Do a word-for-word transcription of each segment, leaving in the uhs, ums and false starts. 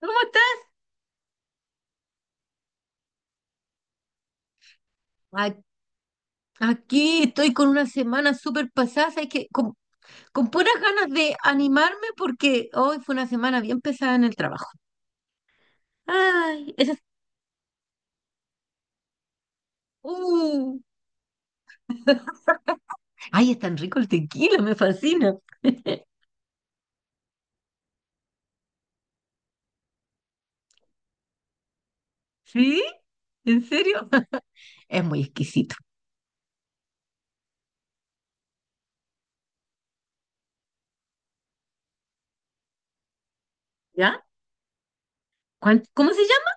¿Cómo estás? A- Aquí estoy con una semana súper pasada, es que con, con puras ganas de animarme porque hoy fue una semana bien pesada en el trabajo. Ay, eso es... uh. Ay, es tan rico el tequila, me fascina. ¿Sí? ¿En serio? Es muy exquisito. ¿Ya? ¿Cuán- ¿Cómo se llama?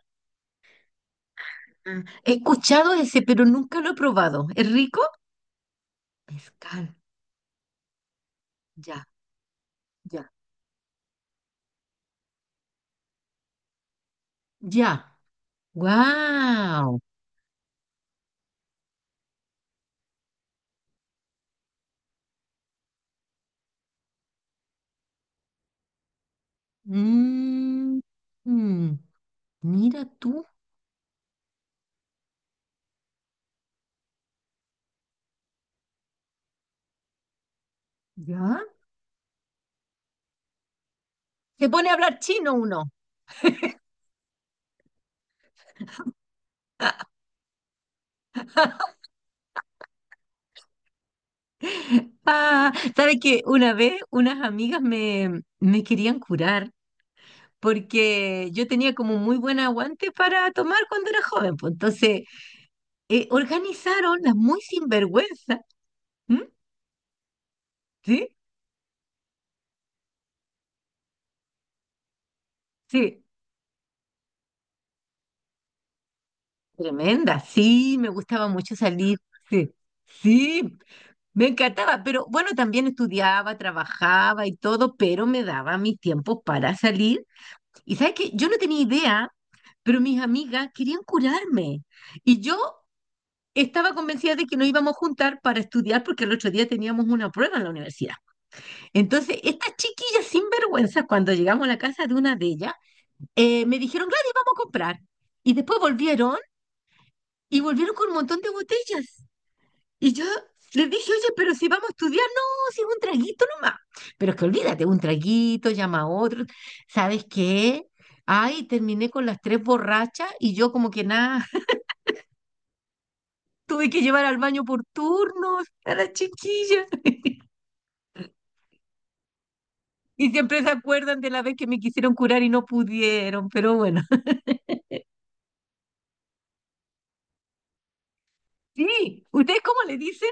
Ah, he escuchado ese, pero nunca lo he probado. ¿Es rico? Mezcal. Ya, ya, ya. ¡Wow! Mmm. Mira tú, ¿ya? Se pone a hablar chino uno. Ah, ¿sabes qué? Una vez unas amigas me, me querían curar porque yo tenía como muy buen aguante para tomar cuando era joven. Pues, entonces, eh, organizaron las muy sinvergüenza. ¿M? ¿Sí? Sí. Tremenda. Sí, me gustaba mucho salir. Sí. Sí, me encantaba, pero bueno, también estudiaba, trabajaba y todo, pero me daba mis tiempos para salir. Y sabes que yo no tenía idea, pero mis amigas querían curarme. Y yo estaba convencida de que nos íbamos a juntar para estudiar porque el otro día teníamos una prueba en la universidad. Entonces, estas chiquillas sinvergüenzas, cuando llegamos a la casa de una de ellas, eh, me dijeron, Gladys, vamos a comprar. Y después volvieron y volvieron con un montón de botellas. Y yo les dije, oye, pero si vamos a estudiar, no, si es un traguito nomás. Pero es que olvídate, un traguito, llama a otro. ¿Sabes qué? Ay, terminé con las tres borrachas y yo como que nada, tuve que llevar al baño por turnos a la chiquilla. Y siempre se acuerdan de la vez que me quisieron curar y no pudieron, pero bueno. Sí, ¿ustedes cómo le dicen?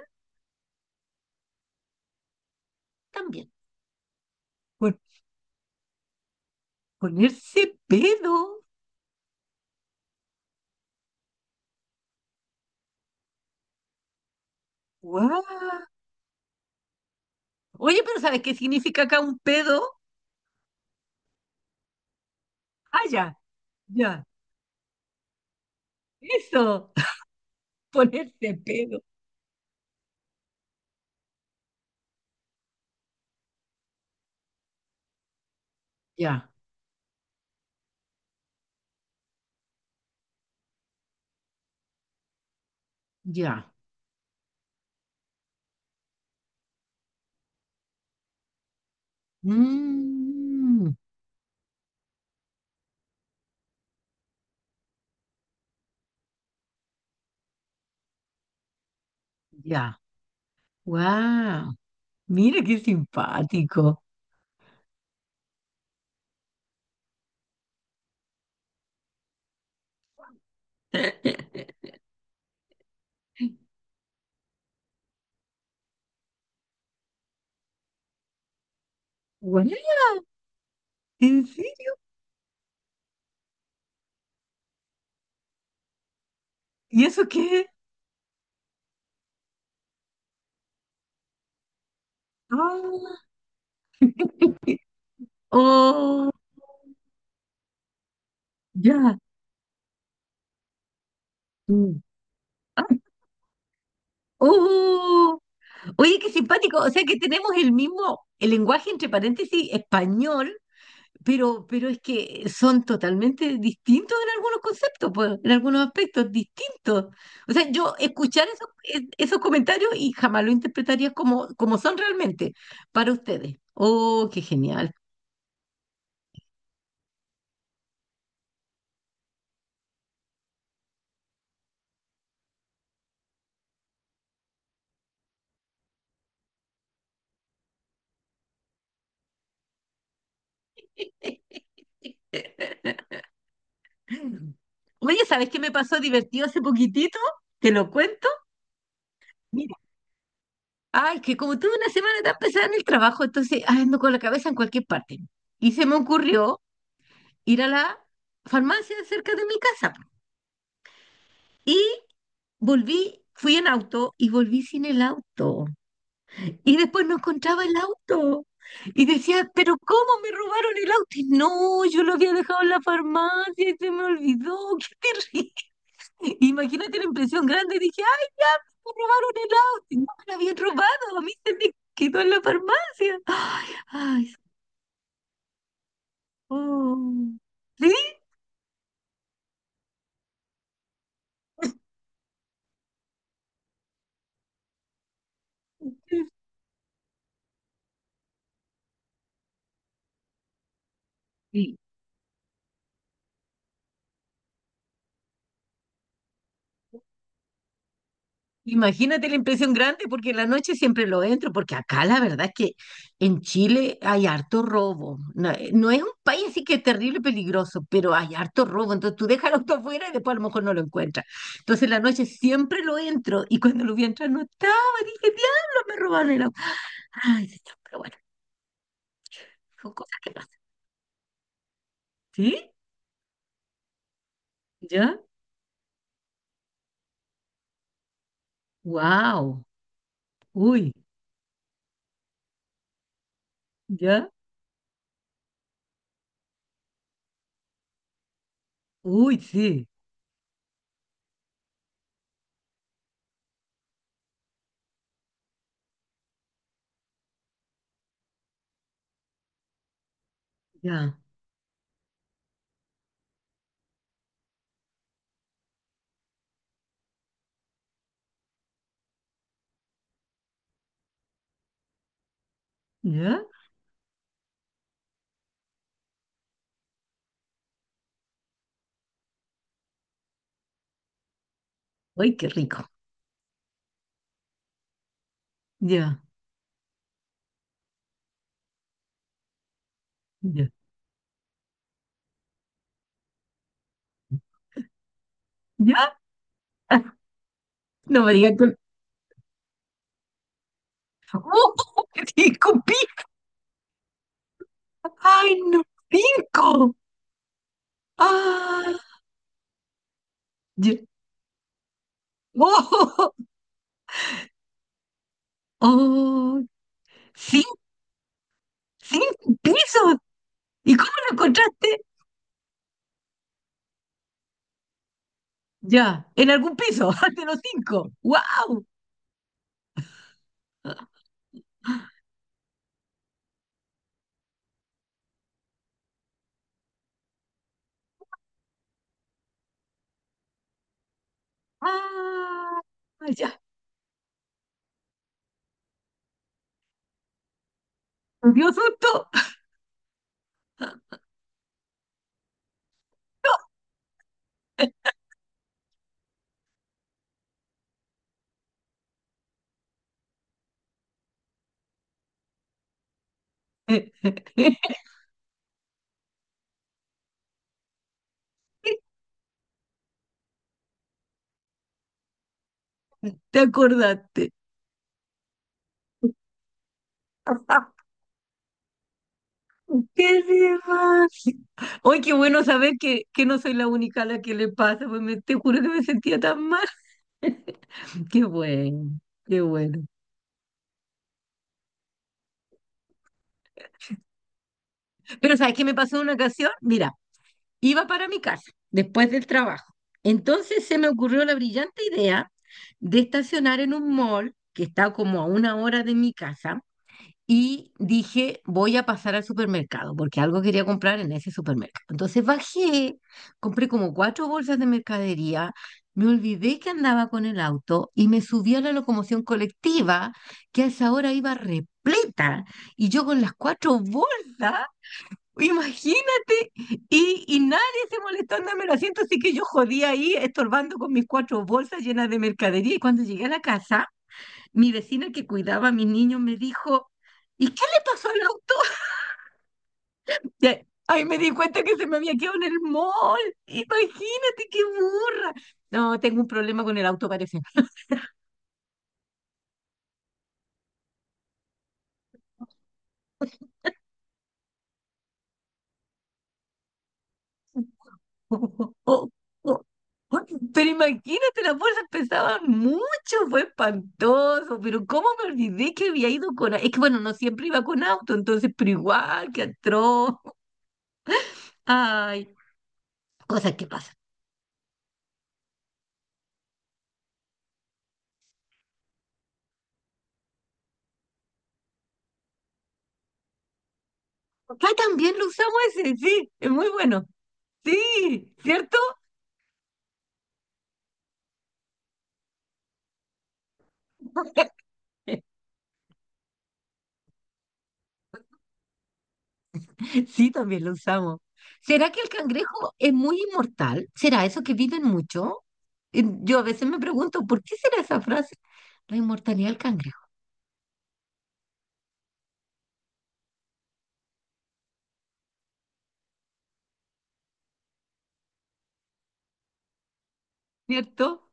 También. Por ponerse pedo. ¡Guau! Oye, pero ¿sabes qué significa acá un pedo? Ah, ya, ya. Eso. Ponerse pedo. Ya, ya. Mm, ya. Wow. Mira qué simpático. Guau, ¿en serio? ¿Y eso qué? Ah, oh, ya. Mm. Ah, oh. Oye, qué simpático. O sea que tenemos el mismo, el lenguaje entre paréntesis español. Pero, pero es que son totalmente distintos en algunos conceptos, pues, en algunos aspectos, distintos. O sea, yo escuchar esos, e- esos comentarios y jamás lo interpretaría como, como son realmente para ustedes. Oh, qué genial. Oye, ¿sabes qué me pasó divertido hace poquitito? Te lo cuento. Mira, ay, que como tuve una semana tan pesada en el trabajo, entonces ay, ando con la cabeza en cualquier parte. Y se me ocurrió ir a la farmacia cerca de mi casa. Y volví, fui en auto y volví sin el auto. Y después no encontraba el auto. Y decía, pero ¿cómo me robaron el auto? Y no, yo lo había dejado en la farmacia y se me olvidó. ¡Qué terrible! Imagínate la impresión grande. Dije, ¡ay, ya! Me robaron el auto. Y no me lo habían robado. A mí se me quedó en la farmacia. ¡Ay, ay! Oh. ¿Sí? Sí. Imagínate la impresión grande, porque en la noche siempre lo entro, porque acá la verdad es que en Chile hay harto robo. No, eh, no es un país así que es terrible peligroso, pero hay harto robo. Entonces tú dejas el auto afuera y después a lo mejor no lo encuentras. Entonces en la noche siempre lo entro y cuando lo vi entrar no estaba. Dije, diablo, me robaron el auto. Ay, señor, pero bueno, son cosas que pasan. ¿Sí? ¿Ya? ¡Wow! Uy, ¿ya? Uy, sí, ya, ya. Ay qué rico. Ya, ya, ya. No me digas que... ¡Oh! ¡Cinco pi! ¡Ay, no! ¡Cinco! ¡Ah! Ya- ¡Oh! ¡Oh! Cinco. ¡Cinco pisos! ¿Y cómo lo encontraste? Ya, en algún piso, de los cinco. ¡Wow! ¡Ah! Ya, me dio susto. Te acordaste. ¡Qué demás! ¡Ay, qué bueno saber que, que no soy la única a la que le pasa! Pues me- te juro que me sentía tan mal. ¡Qué bueno! ¡Qué bueno! Pero ¿sabes qué me pasó en una ocasión? Mira, iba para mi casa después del trabajo. Entonces se me ocurrió la brillante idea de estacionar en un mall que está como a una hora de mi casa. Y dije, voy a pasar al supermercado, porque algo quería comprar en ese supermercado. Entonces bajé, compré como cuatro bolsas de mercadería, me olvidé que andaba con el auto y me subí a la locomoción colectiva, que a esa hora iba repleta, y yo con las cuatro bolsas, imagínate, y, y nadie se molestó en darme el asiento, así que yo jodía ahí estorbando con mis cuatro bolsas llenas de mercadería. Y cuando llegué a la casa mi vecina que cuidaba a mi niño me dijo, ¿y qué le pasó al auto? Ya, ahí ahí me di cuenta que se me había quedado en el mall. Imagínate qué burra. No, tengo un problema con el auto, parece. Pero imagínate, las bolsas pesaban mucho, fue espantoso. Pero cómo me olvidé que había ido con... au- es que bueno, no siempre iba con auto, entonces, pero igual, qué atroz. Ay, cosas que pasan. Acá también lo usamos ese, sí, es muy bueno. Sí, ¿cierto? Sí, también lo usamos. ¿Será que el cangrejo es muy inmortal? ¿Será eso que viven mucho? Eh, Yo a veces me pregunto, ¿por qué será esa frase? La inmortalidad del cangrejo, ¿cierto?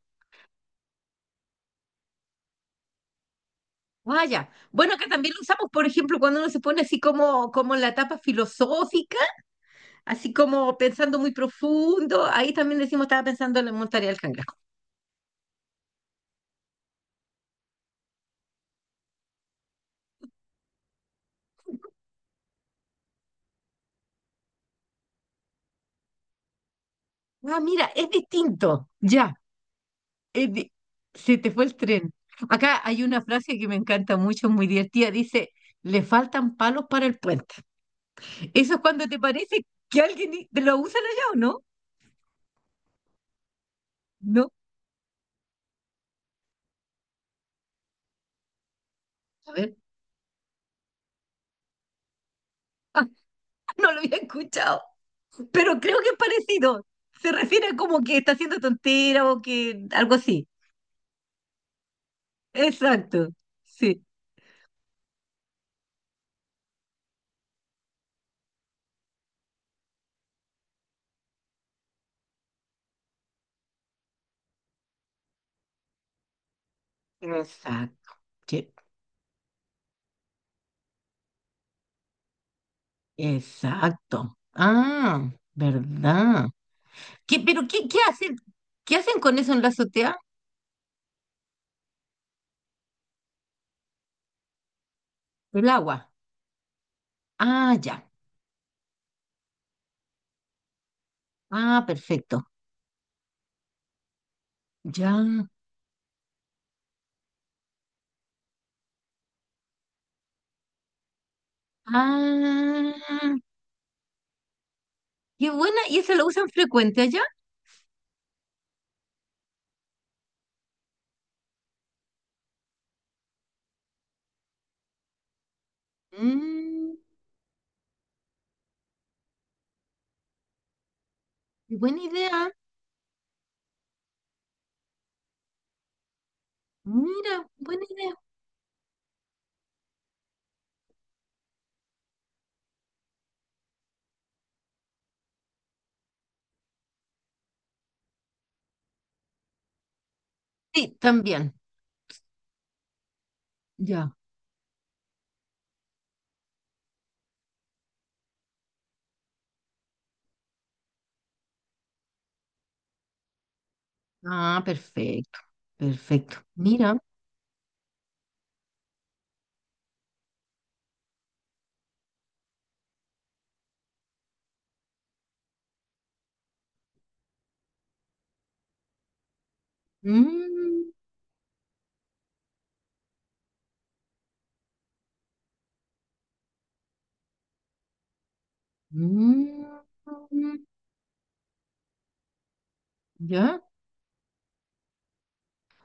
Vaya. Bueno, que también lo usamos, por ejemplo, cuando uno se pone así como, como en la etapa filosófica, así como pensando muy profundo. Ahí también decimos, estaba pensando en la inmortalidad del cangrejo. Ah, mira, es distinto. Ya. Eh, di- se te fue el tren. Acá hay una frase que me encanta mucho, muy divertida. Dice, le faltan palos para el puente. Eso es cuando te parece que alguien i- te lo usan allá o no. No, a ver, no lo había escuchado, pero creo que es parecido. Se refiere a como que está haciendo tontera o que algo así. Exacto, sí. Exacto. Sí. Exacto. Ah, ¿verdad? ¿Qué, pero qué, qué hacen? ¿Qué hacen con eso en la azotea? El agua. Ah, ya. Ah, perfecto. Ya. Ah, qué buena. ¿Y eso lo usan frecuente allá? Mm, buena idea. Mira, buena idea. Sí, también. Ya. Ah, perfecto. Perfecto. Mira. Mm, mm, ya.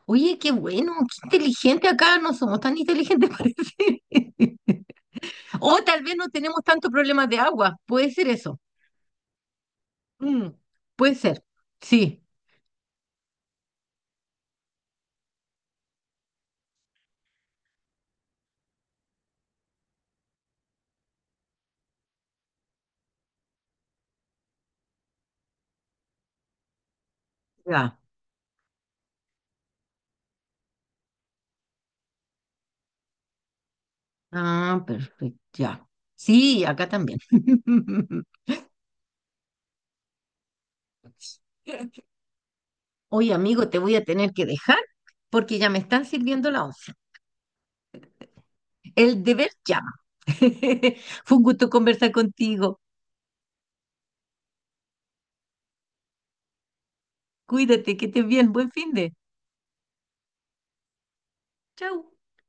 Oye, qué bueno, qué inteligente acá. No somos tan inteligentes, parece. O tal vez no tenemos tanto problemas de agua. Puede ser eso. Mm, puede ser. Sí. Ya. Ah, perfecto, ya. Sí, acá también. Oye, amigo, te voy a tener que dejar porque ya me están sirviendo la once. El deber llama. Fue un gusto conversar contigo. Cuídate, que estés bien. Buen fin de. Chau.